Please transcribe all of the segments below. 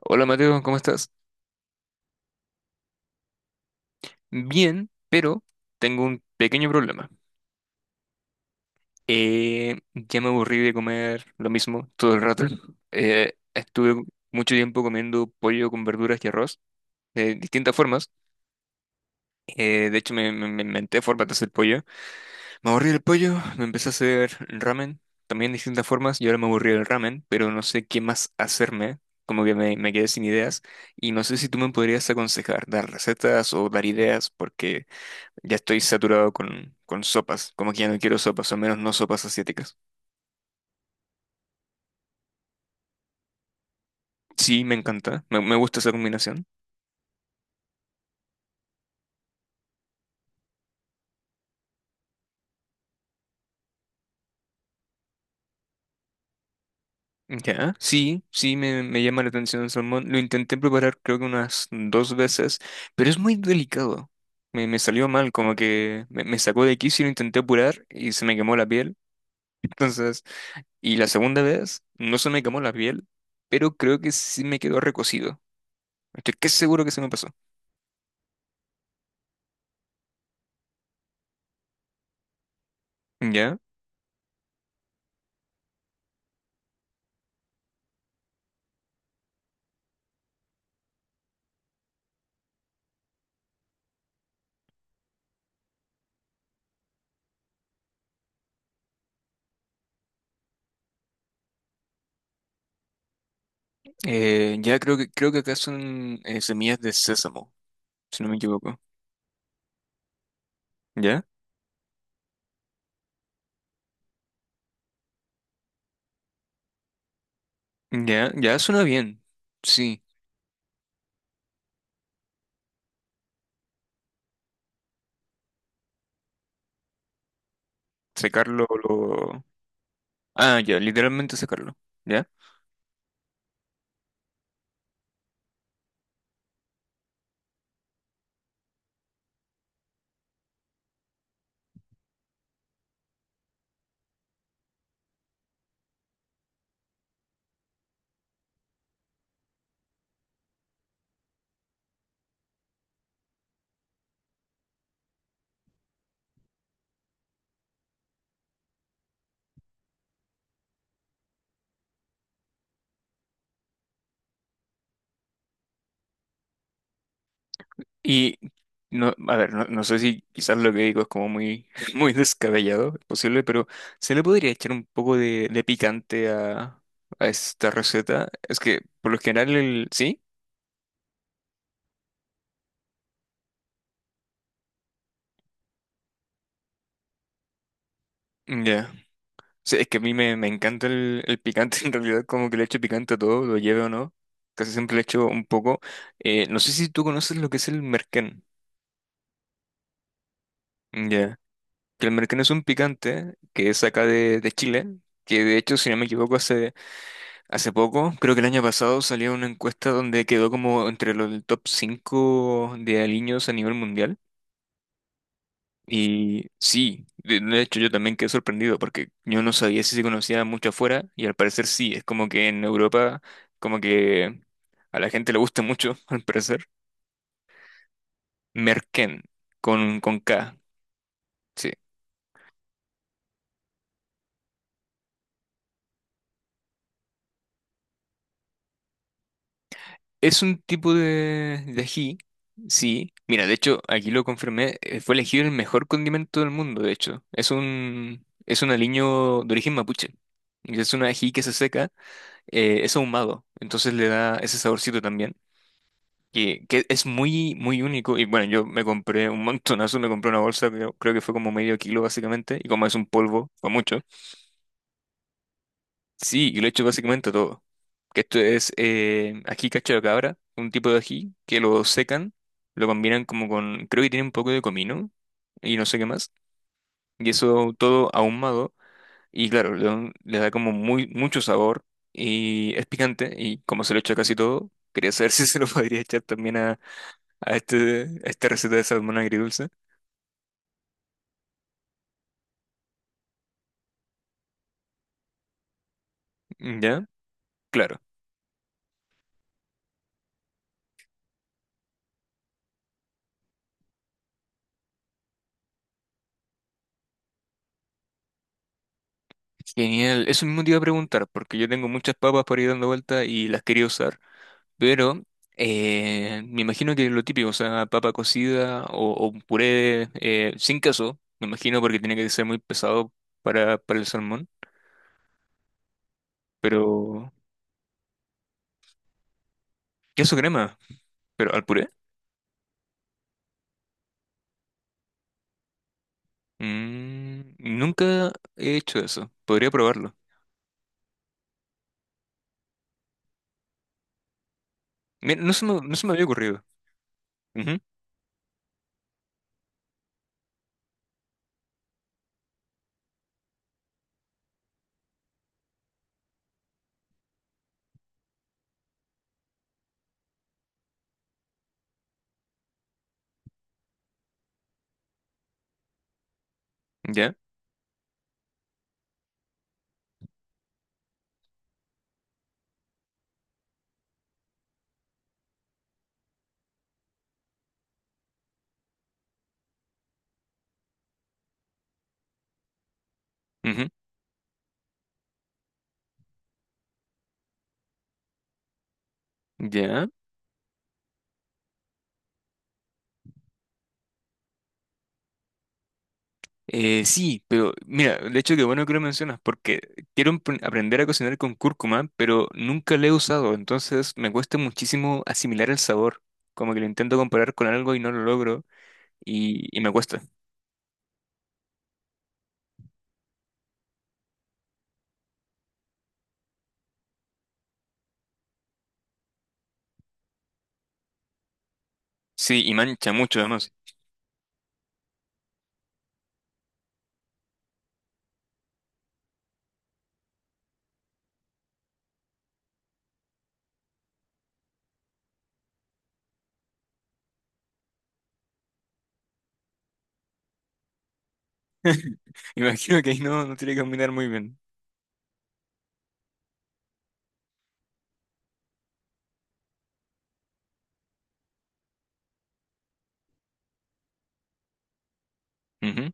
Hola Mateo, ¿cómo estás? Bien, pero tengo un pequeño problema. Ya me aburrí de comer lo mismo todo el rato. Estuve mucho tiempo comiendo pollo con verduras y arroz de distintas formas. De hecho, me inventé formas de hacer pollo. Me aburrí del pollo, me empecé a hacer ramen, también de distintas formas, y ahora me aburrí del ramen, pero no sé qué más hacerme. Como que me quedé sin ideas y no sé si tú me podrías aconsejar, dar recetas o dar ideas, porque... Ya estoy saturado con sopas, como que ya no quiero sopas, al menos no sopas asiáticas. Sí, me encanta, me gusta esa combinación. Ya, sí, sí, me llama la atención el salmón. Lo intenté preparar creo que unas dos veces, pero es muy delicado. Me salió mal, como que me sacó de quicio y lo intenté apurar y se me quemó la piel. Entonces, y la segunda vez no se me quemó la piel, pero creo que sí me quedó recocido. Estoy que seguro que se me pasó. ¿Ya? Creo que acá son semillas de sésamo, si no me equivoco. ¿Ya? Ya, ya suena bien. Sí, secarlo lo... Ah, ya, literalmente secarlo. ¿Ya? Y no, a ver, no, no sé si quizás lo que digo es como muy, muy descabellado, es posible, pero se le podría echar un poco de picante a esta receta. Es que por lo general el... ¿Sí? Ya. Sí, es que a mí me encanta el picante, en realidad como que le echo picante a todo, lo lleve o no, casi siempre le echo un poco. No sé si tú conoces lo que es el merquén, ya, que el merquén es un picante que es acá de Chile, que de hecho, si no me equivoco, hace poco, creo que el año pasado salió una encuesta donde quedó como entre los del top 5 de aliños a nivel mundial. Y sí, de hecho yo también quedé sorprendido porque yo no sabía si se conocía mucho afuera y al parecer sí, es como que en Europa como que a la gente le gusta mucho, al parecer. Merquén, con K, sí. Es un tipo de ají, sí. Mira, de hecho aquí lo confirmé, fue elegido el mejor condimento del mundo, de hecho. Es es un aliño de origen mapuche. Y es un ají que se seca, es ahumado, entonces le da ese saborcito también. Que es muy, muy único. Y bueno, yo me compré un montonazo, me compré una bolsa, creo que fue como medio kilo básicamente, y como es un polvo, fue mucho. Sí, y lo he hecho básicamente todo. Que esto es ají cacho de cabra, un tipo de ají que lo secan, lo combinan como con, creo que tiene un poco de comino y no sé qué más. Y eso todo ahumado y claro, le da como muy, mucho sabor y es picante y como se lo echa casi todo, quería saber si se lo podría echar también a este, a esta receta de salmón agridulce. ¿Ya? Claro. Genial. Eso mismo te iba a preguntar, porque yo tengo muchas papas por ir dando vuelta y las quería usar, pero me imagino que lo típico, o sea, papa cocida o un puré sin queso, me imagino porque tiene que ser muy pesado para el salmón, pero queso crema, pero al puré. Mm, nunca he hecho eso. Podría probarlo. Mira, no se me había ocurrido. Ujú, ya. Ujú, ya. Sí, pero mira, de hecho que bueno que lo mencionas, porque quiero aprender a cocinar con cúrcuma, pero nunca la he usado, entonces me cuesta muchísimo asimilar el sabor, como que lo intento comparar con algo y no lo logro, y me cuesta. Sí, y mancha mucho además. Imagino que ahí no, no tiene que combinar muy bien. Ujú.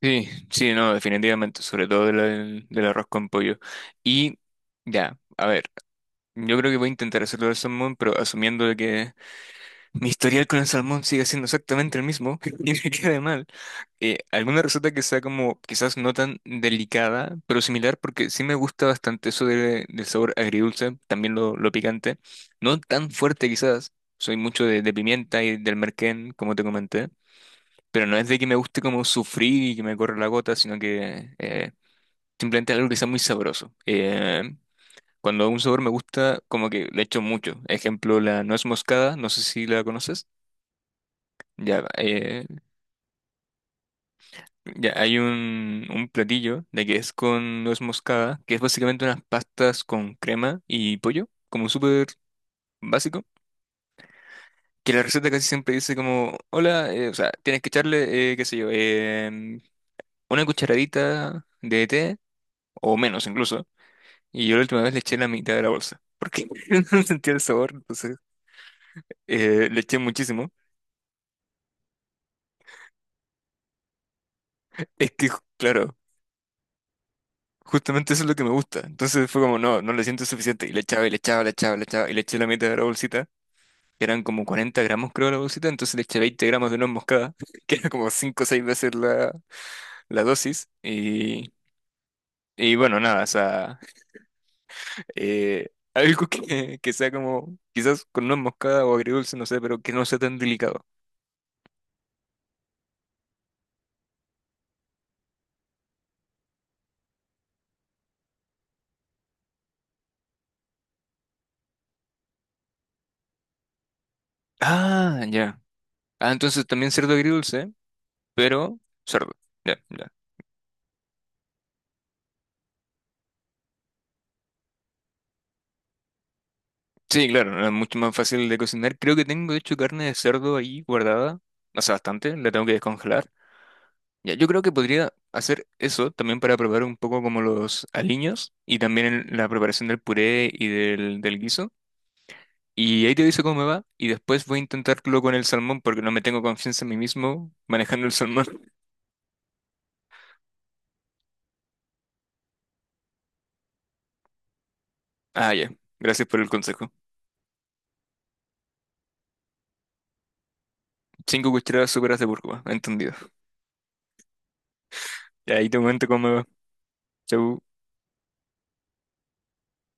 Sí, sí, no, definitivamente, sobre todo del del arroz con pollo. Y ya, a ver, yo creo que voy a intentar hacerlo del salmón, pero asumiendo de que mi historial con el salmón sigue siendo exactamente el mismo y me queda mal. Alguna receta que sea como quizás no tan delicada, pero similar, porque sí me gusta bastante eso del sabor agridulce, también lo picante. No tan fuerte quizás, soy mucho de pimienta y del merquén, como te comenté, pero no es de que me guste como sufrir y que me corra la gota, sino que simplemente algo que sea muy sabroso. Cuando un sabor me gusta, como que le echo mucho. Ejemplo, la nuez moscada, no sé si la conoces. Ya, ya hay un platillo de que es con nuez moscada, que es básicamente unas pastas con crema y pollo, como súper básico. Que la receta casi siempre dice como, hola, o sea, tienes que echarle, qué sé yo, una cucharadita de té, o menos incluso. Y yo la última vez le eché la mitad de la bolsa, porque no sentía el sabor, entonces le eché muchísimo. Es que, claro. Justamente eso es lo que me gusta. Entonces fue como, no, no le siento suficiente. Y le echaba, le echaba, le echaba, y le eché la mitad de la bolsita. Que eran como 40 gramos, creo, la bolsita. Entonces le eché 20 gramos de nuez moscada, que era como 5 o seis veces la dosis. Y bueno, nada, o sea, algo que sea como, quizás con nuez moscada o agridulce, no sé, pero que no sea tan delicado. Ah, ya. Ah, entonces también cerdo agridulce, pero cerdo. Ya, ya. Sí, claro, no es mucho más fácil de cocinar. Creo que tengo, de hecho, carne de cerdo ahí guardada, hace bastante, la tengo que descongelar. Ya, yo creo que podría hacer eso también para probar un poco como los aliños y también la preparación del puré y del guiso. Y ahí te dice cómo me va y después voy a intentarlo con el salmón porque no me tengo confianza en mí mismo manejando el salmón. Ah, ya, gracias por el consejo. Cinco cucharadas súperas de cúrcuma, entendido. Y ahí te comento cómo me va. Chau.